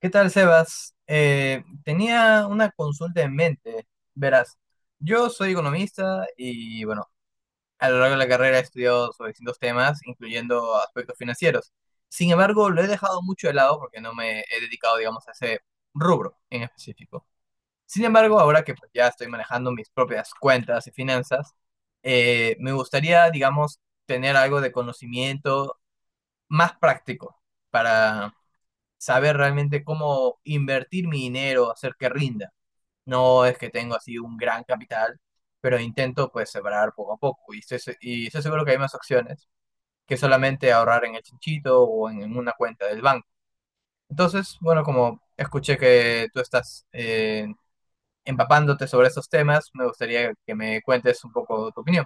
¿Qué tal, Sebas? Tenía una consulta en mente. Verás, yo soy economista y, bueno, a lo largo de la carrera he estudiado sobre distintos temas, incluyendo aspectos financieros. Sin embargo, lo he dejado mucho de lado porque no me he dedicado, digamos, a ese rubro en específico. Sin embargo, ahora que pues, ya estoy manejando mis propias cuentas y finanzas, me gustaría, digamos, tener algo de conocimiento más práctico, saber realmente cómo invertir mi dinero, hacer que rinda. No es que tengo así un gran capital, pero intento pues separar poco a poco. Y estoy seguro que hay más opciones que solamente ahorrar en el chinchito o en una cuenta del banco. Entonces, bueno, como escuché que tú estás empapándote sobre esos temas, me gustaría que me cuentes un poco tu opinión.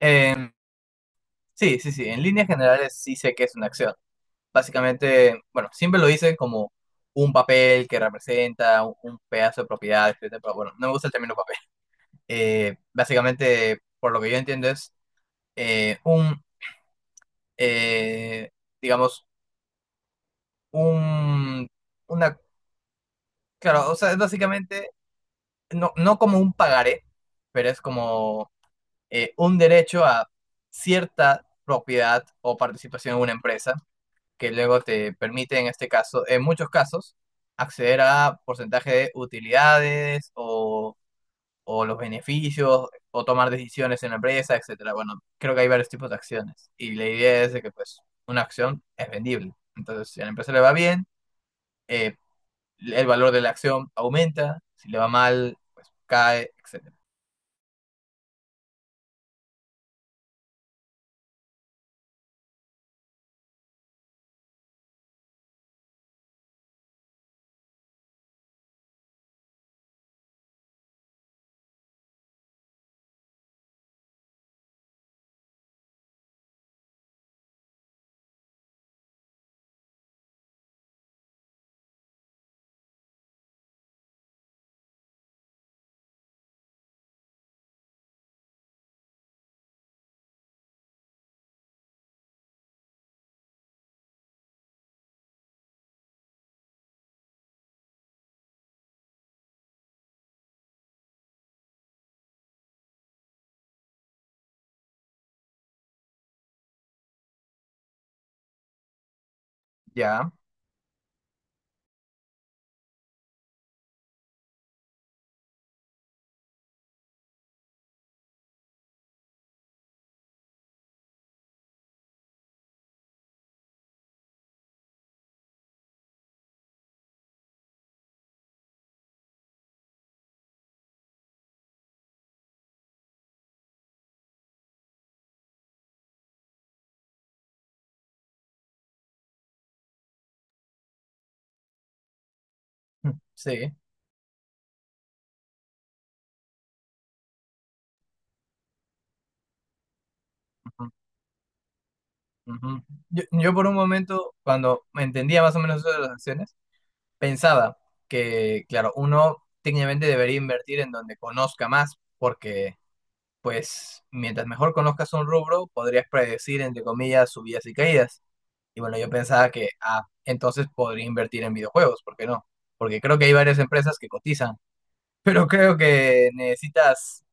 Eh, sí, sí, sí, en líneas generales sí sé que es una acción. Básicamente, bueno, siempre lo dicen como un papel que representa un pedazo de propiedad, etcétera, pero bueno, no me gusta el término papel. Básicamente, por lo que yo entiendo, es eh, un, eh, digamos, un, una, claro, o sea, es básicamente, no, no como un pagaré, pero es como un derecho a cierta propiedad o participación en una empresa que luego te permite, en este caso, en muchos casos, acceder a porcentaje de utilidades o los beneficios o tomar decisiones en la empresa, etcétera. Bueno, creo que hay varios tipos de acciones y la idea es de que pues una acción es vendible. Entonces, si a la empresa le va bien, eh, el valor de la acción aumenta, si le va mal, pues cae, etcétera. Ya, sí. Ujú, ujú. Yo por un momento, cuando entendía más o menos eso de las acciones, pensaba que, claro, uno técnicamente debería invertir en donde conozca más, porque, pues, mientras mejor conozcas un rubro, podrías predecir, entre comillas, subidas y caídas. Y bueno, yo pensaba que, ah, entonces podría invertir en videojuegos, ¿por qué no? Porque creo que hay varias empresas que cotizan, pero creo que necesitas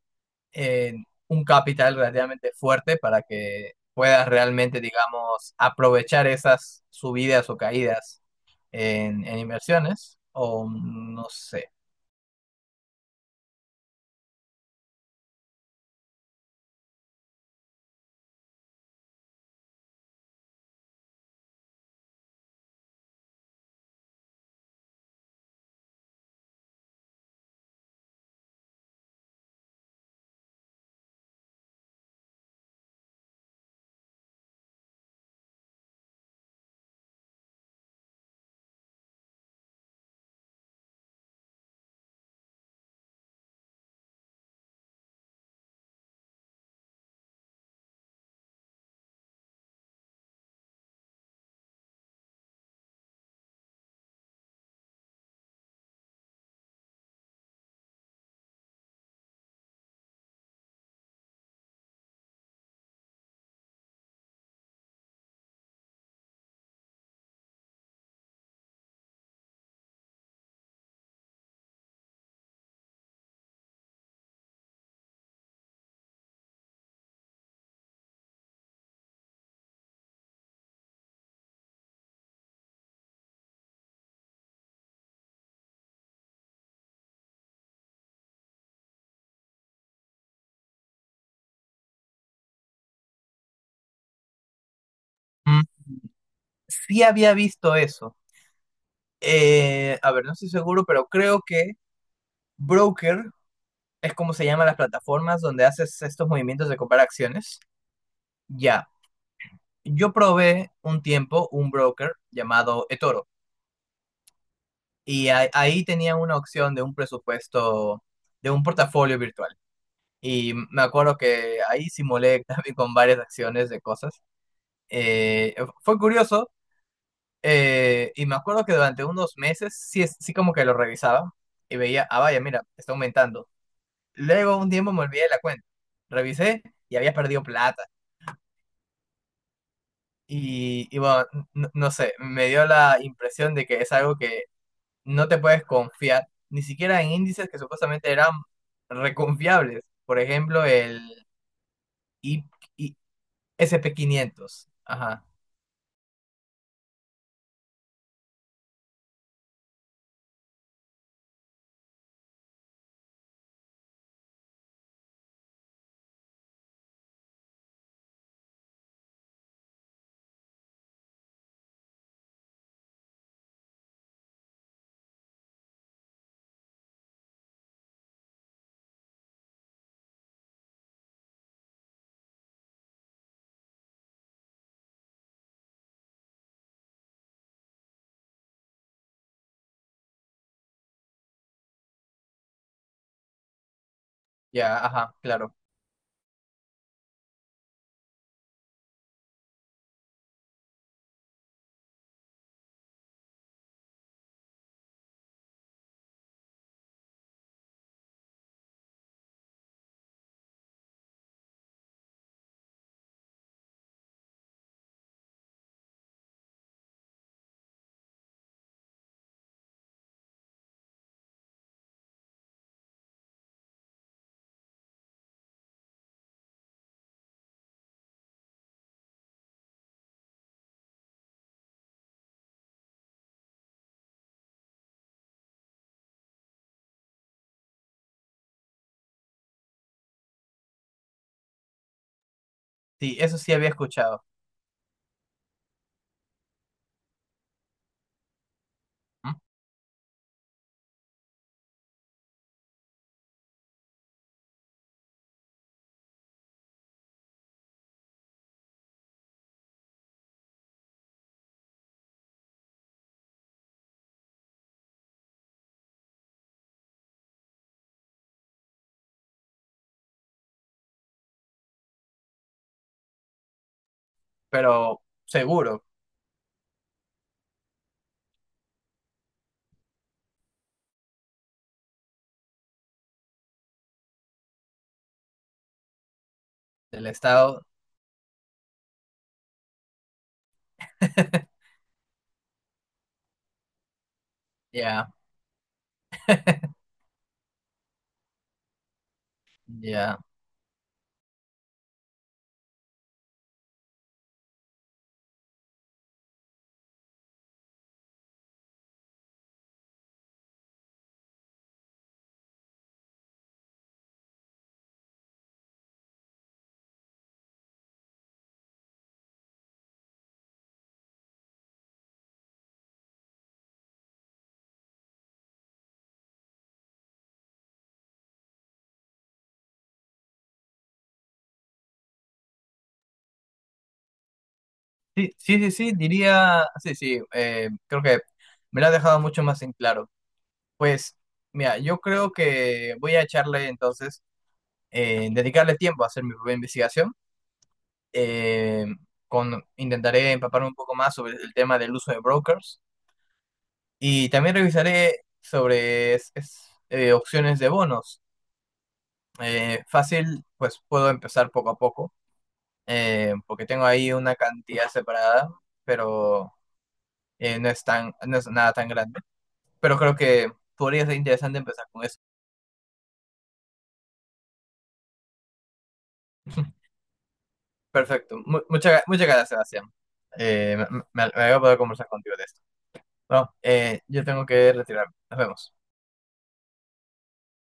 eh, un capital relativamente fuerte para que puedas realmente, digamos, aprovechar esas subidas o caídas en inversiones, o no sé. Mm, sí había visto eso. A ver, no estoy seguro, pero creo que broker es como se llaman las plataformas donde haces estos movimientos de comprar acciones. Ya, yo probé un tiempo un broker llamado eToro y ahí tenía una opción de un presupuesto, de un portafolio virtual. Y me acuerdo que ahí simulé también con varias acciones de cosas. Eh, Fue curioso. Y me acuerdo que durante unos meses sí, como que lo revisaba y veía, ah, vaya, mira, está aumentando. Luego un tiempo me olvidé de la cuenta. Revisé y había perdido plata. Y bueno, no, no sé, me dio la impresión de que es algo que no te puedes confiar, ni siquiera en índices que supuestamente eran reconfiables. Por ejemplo, el I- I- S&P 500. Ajá, ya, ajá, claro. Sí, eso sí había escuchado, ¿m? Pero seguro. Del estado. Ya, ya. Sí, sí, sí, sí, diría, sí, sí, creo que me lo ha dejado mucho más en claro. Pues, mira, yo creo que voy a echarle entonces, dedicarle tiempo a hacer mi propia investigación. Eh, con, intentaré empaparme un poco más sobre el tema del uso de brokers y también revisaré sobre opciones de bonos. Fácil, pues puedo empezar poco a poco, porque tengo ahí una cantidad separada, pero... no, es tan, no es nada tan grande. Pero creo que podría ser interesante empezar con eso. Perfecto. Muchas gracias, Sebastián. Eh, me, Me voy a poder conversar contigo de esto. Bueno, yo tengo que retirarme. Nos vemos.